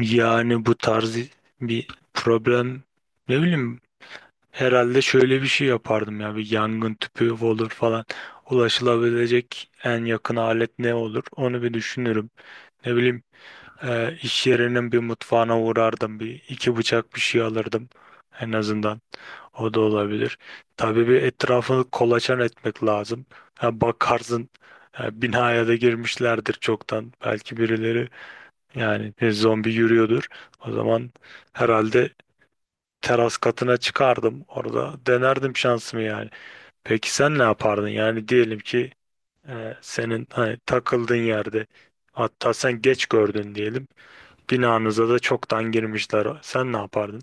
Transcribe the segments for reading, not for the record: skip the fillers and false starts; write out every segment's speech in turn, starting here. Yani bu tarz bir problem, ne bileyim, herhalde şöyle bir şey yapardım. Ya bir yangın tüpü olur falan, ulaşılabilecek en yakın alet ne olur onu bir düşünürüm. Ne bileyim, iş yerinin bir mutfağına uğrardım, bir iki bıçak bir şey alırdım en azından, o da olabilir. Tabii bir etrafını kolaçan etmek lazım. Ha, Bakarsın binaya da girmişlerdir çoktan, belki birileri. Yani bir zombi yürüyordur. O zaman herhalde teras katına çıkardım. Orada denerdim şansımı yani. Peki sen ne yapardın? Yani diyelim ki senin hani takıldığın yerde, hatta sen geç gördün diyelim. Binanıza da çoktan girmişler. Sen ne yapardın?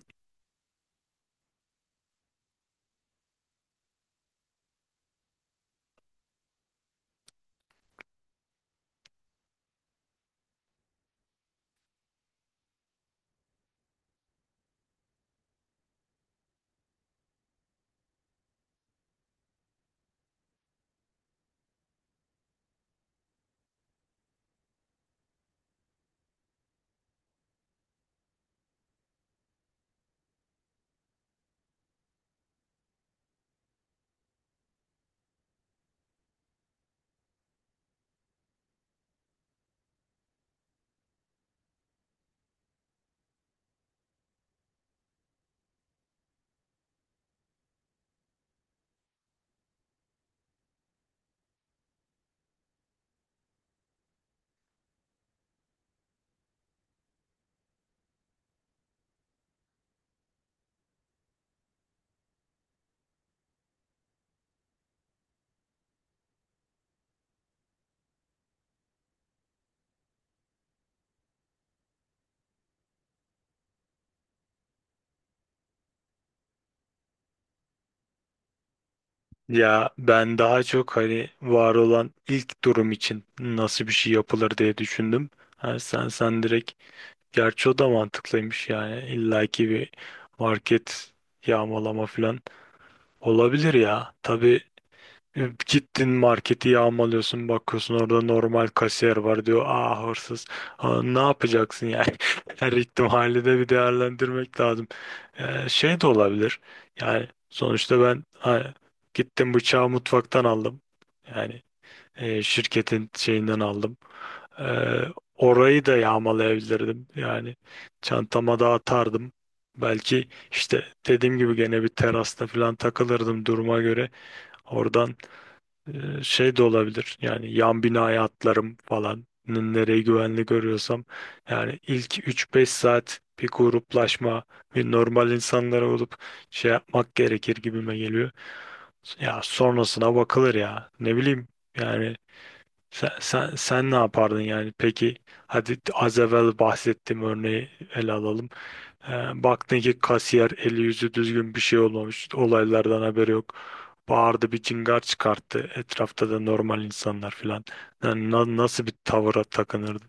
Ya ben daha çok hani var olan ilk durum için nasıl bir şey yapılır diye düşündüm. Ha, sen direkt, gerçi o da mantıklıymış, yani illaki bir market yağmalama falan olabilir ya. Tabii, gittin marketi yağmalıyorsun, bakıyorsun orada normal kasiyer var, diyor "aa, hırsız". Aa, ne yapacaksın yani? Her ihtimali de bir değerlendirmek lazım. Şey de olabilir yani, sonuçta ben, ha, gittim bıçağı mutfaktan aldım, yani şirketin şeyinden aldım. Ee, Orayı da yağmalayabilirdim yani, çantama da atardım. Belki işte dediğim gibi gene bir terasta falan takılırdım duruma göre, oradan şey de olabilir yani, yan binaya atlarım falan. Nereyi güvenli görüyorsam. Yani ilk üç beş saat bir gruplaşma, bir normal insanlar olup şey yapmak gerekir gibime geliyor. Ya sonrasına bakılır ya, ne bileyim. Yani sen ne yapardın yani? Peki hadi az evvel bahsettiğim örneği ele alalım. E, Baktın ki kasiyer, eli yüzü düzgün, bir şey olmamış. Olaylardan haberi yok. Bağırdı, bir cingar çıkarttı. Etrafta da normal insanlar filan. Yani nasıl bir tavıra takınırdı?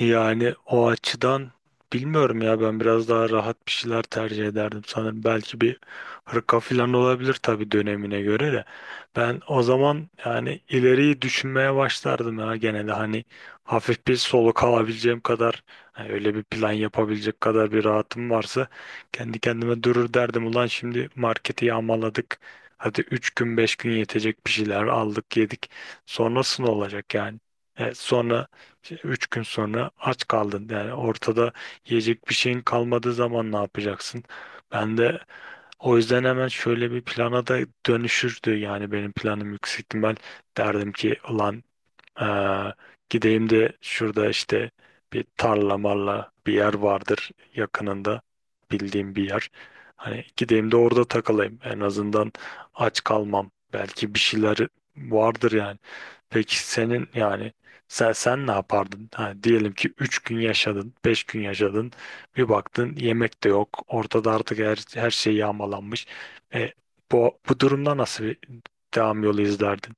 Yani o açıdan bilmiyorum ya, ben biraz daha rahat bir şeyler tercih ederdim sanırım. Belki bir hırka falan olabilir, tabii dönemine göre de. Ben o zaman yani ileriyi düşünmeye başlardım ya genelde. Hani hafif bir soluk alabileceğim kadar, hani öyle bir plan yapabilecek kadar bir rahatım varsa, kendi kendime durur derdim. Ulan şimdi marketi yağmaladık, hadi 3 gün 5 gün yetecek bir şeyler aldık, yedik. Sonrasında olacak yani? Sonra işte üç gün sonra aç kaldın. Yani ortada yiyecek bir şeyin kalmadığı zaman ne yapacaksın? Ben de o yüzden hemen şöyle bir plana da dönüşürdü. Yani benim planım yüksek ihtimal, derdim ki ulan, ee, gideyim de şurada işte bir tarla marla bir yer vardır yakınında, bildiğim bir yer. Hani gideyim de orada takılayım. En azından aç kalmam. Belki bir şeyler vardır yani. Peki senin, yani sen ne yapardın? Ha, diyelim ki 3 gün yaşadın, 5 gün yaşadın, bir baktın yemek de yok, ortada artık her şey yağmalanmış. E, bu durumda nasıl bir devam yolu izlerdin?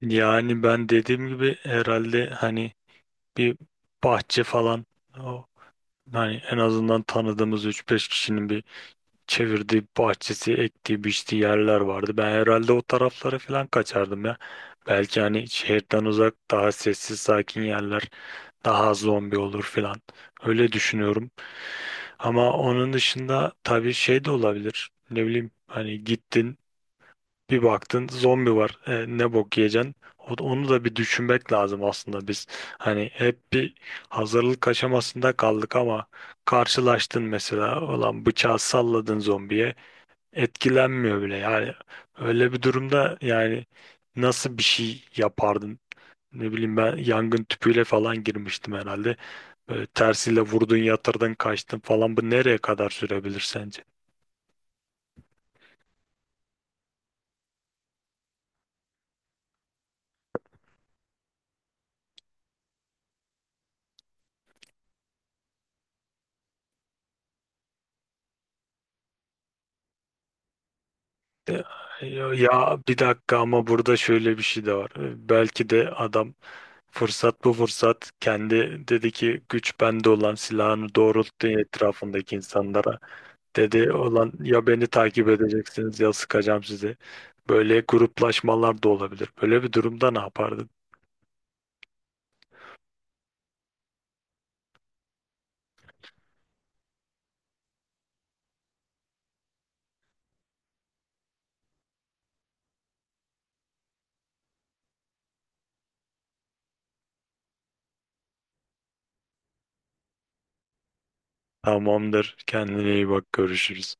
Yani ben dediğim gibi herhalde, hani bir bahçe falan, o, hani en azından tanıdığımız üç beş kişinin bir çevirdiği bahçesi, ektiği, biçtiği yerler vardı. Ben herhalde o taraflara falan kaçardım ya. Belki hani şehirden uzak daha sessiz, sakin yerler, daha az zombi olur falan. Öyle düşünüyorum. Ama onun dışında tabii şey de olabilir. Ne bileyim, hani gittin bir baktın zombi var, e, ne bok yiyeceksin? Onu da bir düşünmek lazım aslında biz. Hani hep bir hazırlık aşamasında kaldık ama karşılaştın mesela, olan bıçağı salladın zombiye, etkilenmiyor bile. Yani öyle bir durumda yani nasıl bir şey yapardın? Ne bileyim, ben yangın tüpüyle falan girmiştim herhalde. Böyle tersiyle vurdun, yatırdın, kaçtın falan. Bu nereye kadar sürebilir sence? Ya ya, bir dakika, ama burada şöyle bir şey de var. Belki de adam, fırsat bu fırsat, kendi dedi ki güç bende, olan silahını doğrulttu etrafındaki insanlara. Dedi olan ya beni takip edeceksiniz ya sıkacağım sizi. Böyle gruplaşmalar da olabilir. Böyle bir durumda ne yapardın? Tamamdır. Kendine iyi bak. Görüşürüz.